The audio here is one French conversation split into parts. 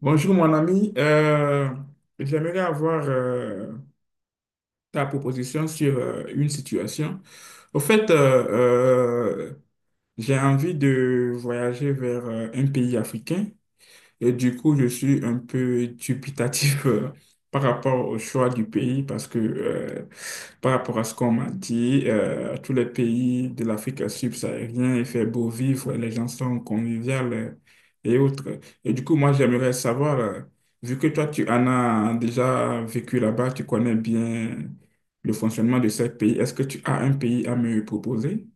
Bonjour mon ami. J'aimerais avoir ta proposition sur une situation. Au fait, j'ai envie de voyager vers un pays africain, et du coup, je suis un peu dubitatif, par rapport au choix du pays, parce que par rapport à ce qu'on m'a dit, tous les pays de l'Afrique subsaharienne, il fait beau vivre, les gens sont conviviaux, et autres. Et du coup, moi, j'aimerais savoir, vu que toi, tu en as déjà vécu là-bas, tu connais bien le fonctionnement de ces pays, est-ce que tu as un pays à me proposer?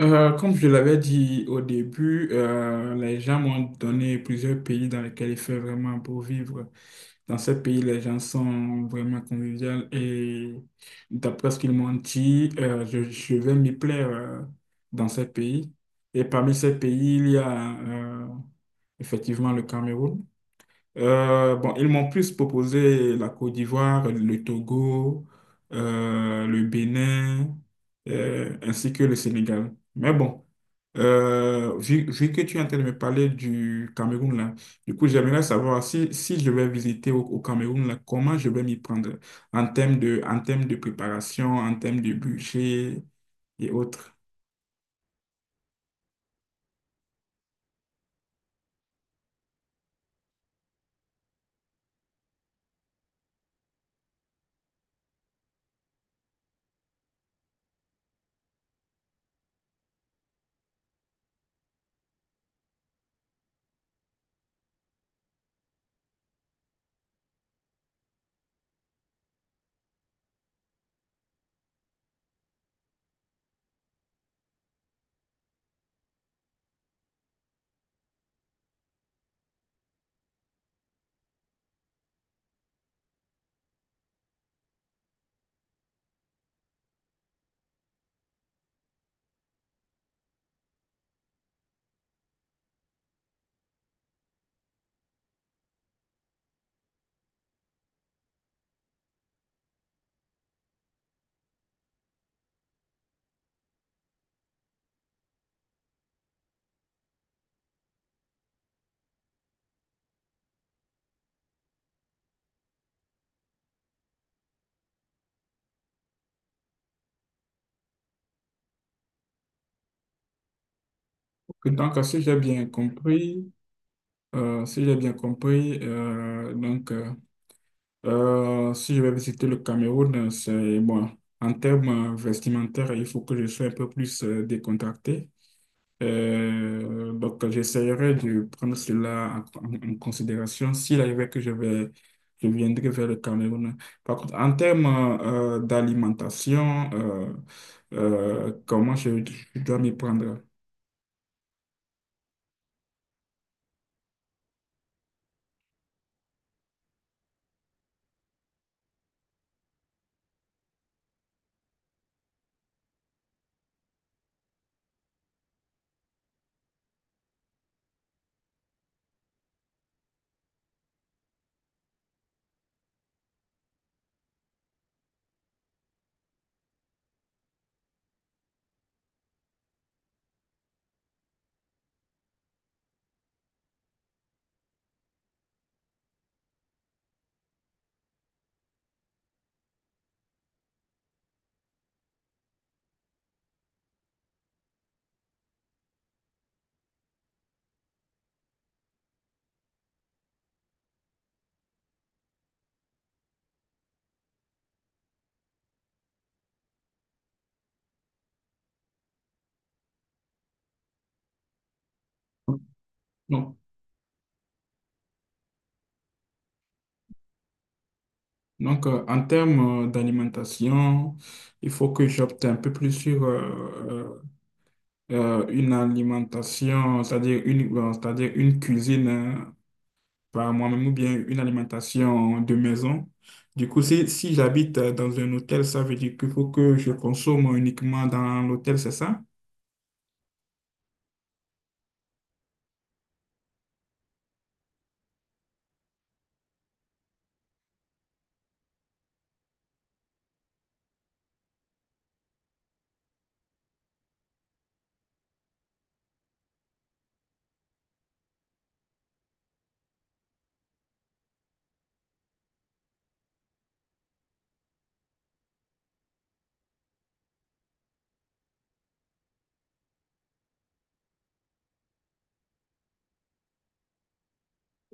Comme je l'avais dit au début, les gens m'ont donné plusieurs pays dans lesquels il fait vraiment beau vivre. Dans ces pays, les gens sont vraiment conviviaux, et d'après ce qu'ils m'ont dit, je vais m'y plaire dans ces pays. Et parmi ces pays, il y a effectivement le Cameroun. Bon, ils m'ont plus proposé la Côte d'Ivoire, le Togo, le Bénin, ainsi que le Sénégal. Mais bon, vu que tu es en train de me parler du Cameroun, là, du coup, j'aimerais savoir si je vais visiter au Cameroun, là, comment je vais m'y prendre en termes de préparation, en termes de budget et autres. Donc, si j'ai bien compris, si j'ai bien compris, donc... si je vais visiter le Cameroun, c'est bon. En termes vestimentaires, il faut que je sois un peu plus décontracté. Donc, j'essaierai de prendre cela en, en considération s'il arrivait que je vais, je viendrai vers le Cameroun. Par contre, en termes d'alimentation, comment je dois m'y prendre? Non. Donc, en termes d'alimentation, il faut que j'opte un peu plus sur une alimentation, c'est-à-dire une, bon, c'est-à-dire une cuisine hein, par moi-même, ou bien une alimentation de maison. Du coup, si j'habite dans un hôtel, ça veut dire qu'il faut que je consomme uniquement dans l'hôtel, c'est ça?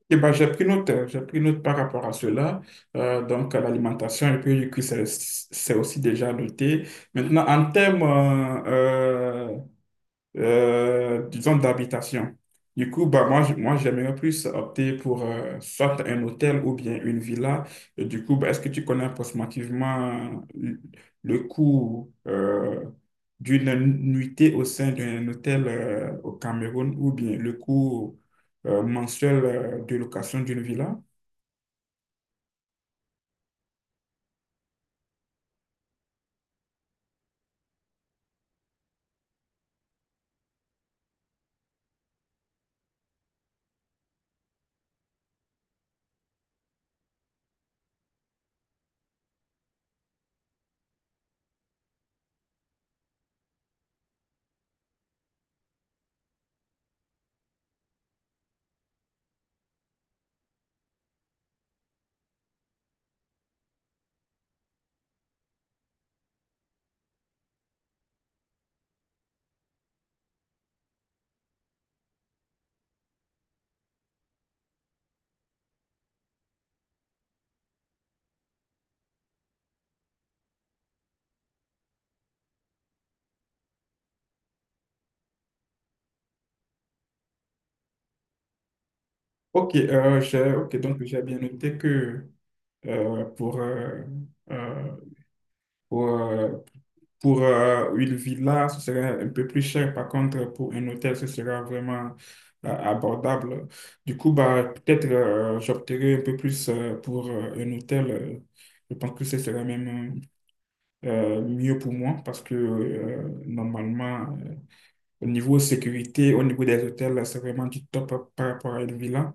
Eh ben, j'ai pris note, par rapport à cela. Donc, à l'alimentation, et puis du coup, c'est aussi déjà noté. Maintenant, en termes euh, disons, d'habitation. Du coup, bah, moi, j'aimerais plus opter pour soit un hôtel ou bien une villa. Et du coup, bah, est-ce que tu connais approximativement le coût d'une nuitée au sein d'un hôtel au Cameroun, ou bien le coût mensuel de location d'une villa? Ok, ok, donc j'ai bien noté que euh, pour, euh, euh, pour, euh, pour une villa, ce serait un peu plus cher. Par contre, pour un hôtel, ce sera vraiment abordable. Du coup, bah, peut-être j'opterai un peu plus pour un hôtel. Je pense que ce serait même mieux pour moi, parce que normalement, au niveau sécurité, au niveau des hôtels, c'est vraiment du top par rapport à une villa.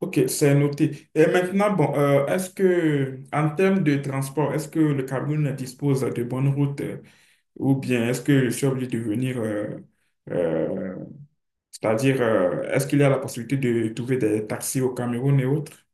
OK, c'est noté. Et maintenant, bon, est-ce que, en termes de transport, est-ce que le Cameroun dispose de bonnes routes, ou bien est-ce que je suis obligé de venir, euh, c'est-à-dire, est-ce qu'il y a la possibilité de trouver des taxis au Cameroun et autres?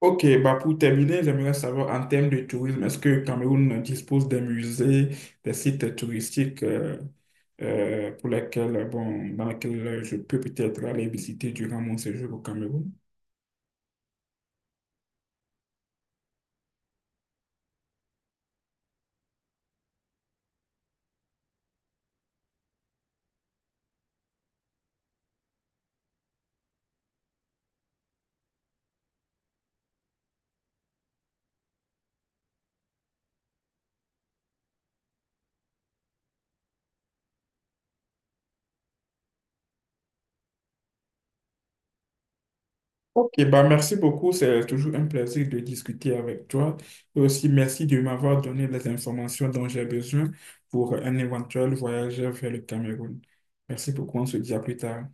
Ok, bah pour terminer, j'aimerais savoir, en termes de tourisme, est-ce que le Cameroun dispose des musées, des sites touristiques, pour lesquels, bon, dans lesquels je peux peut-être aller visiter durant mon séjour au Cameroun? Ok, bah merci beaucoup, c'est toujours un plaisir de discuter avec toi. Et aussi, merci de m'avoir donné les informations dont j'ai besoin pour un éventuel voyage vers le Cameroun. Merci beaucoup, on se dit à plus tard.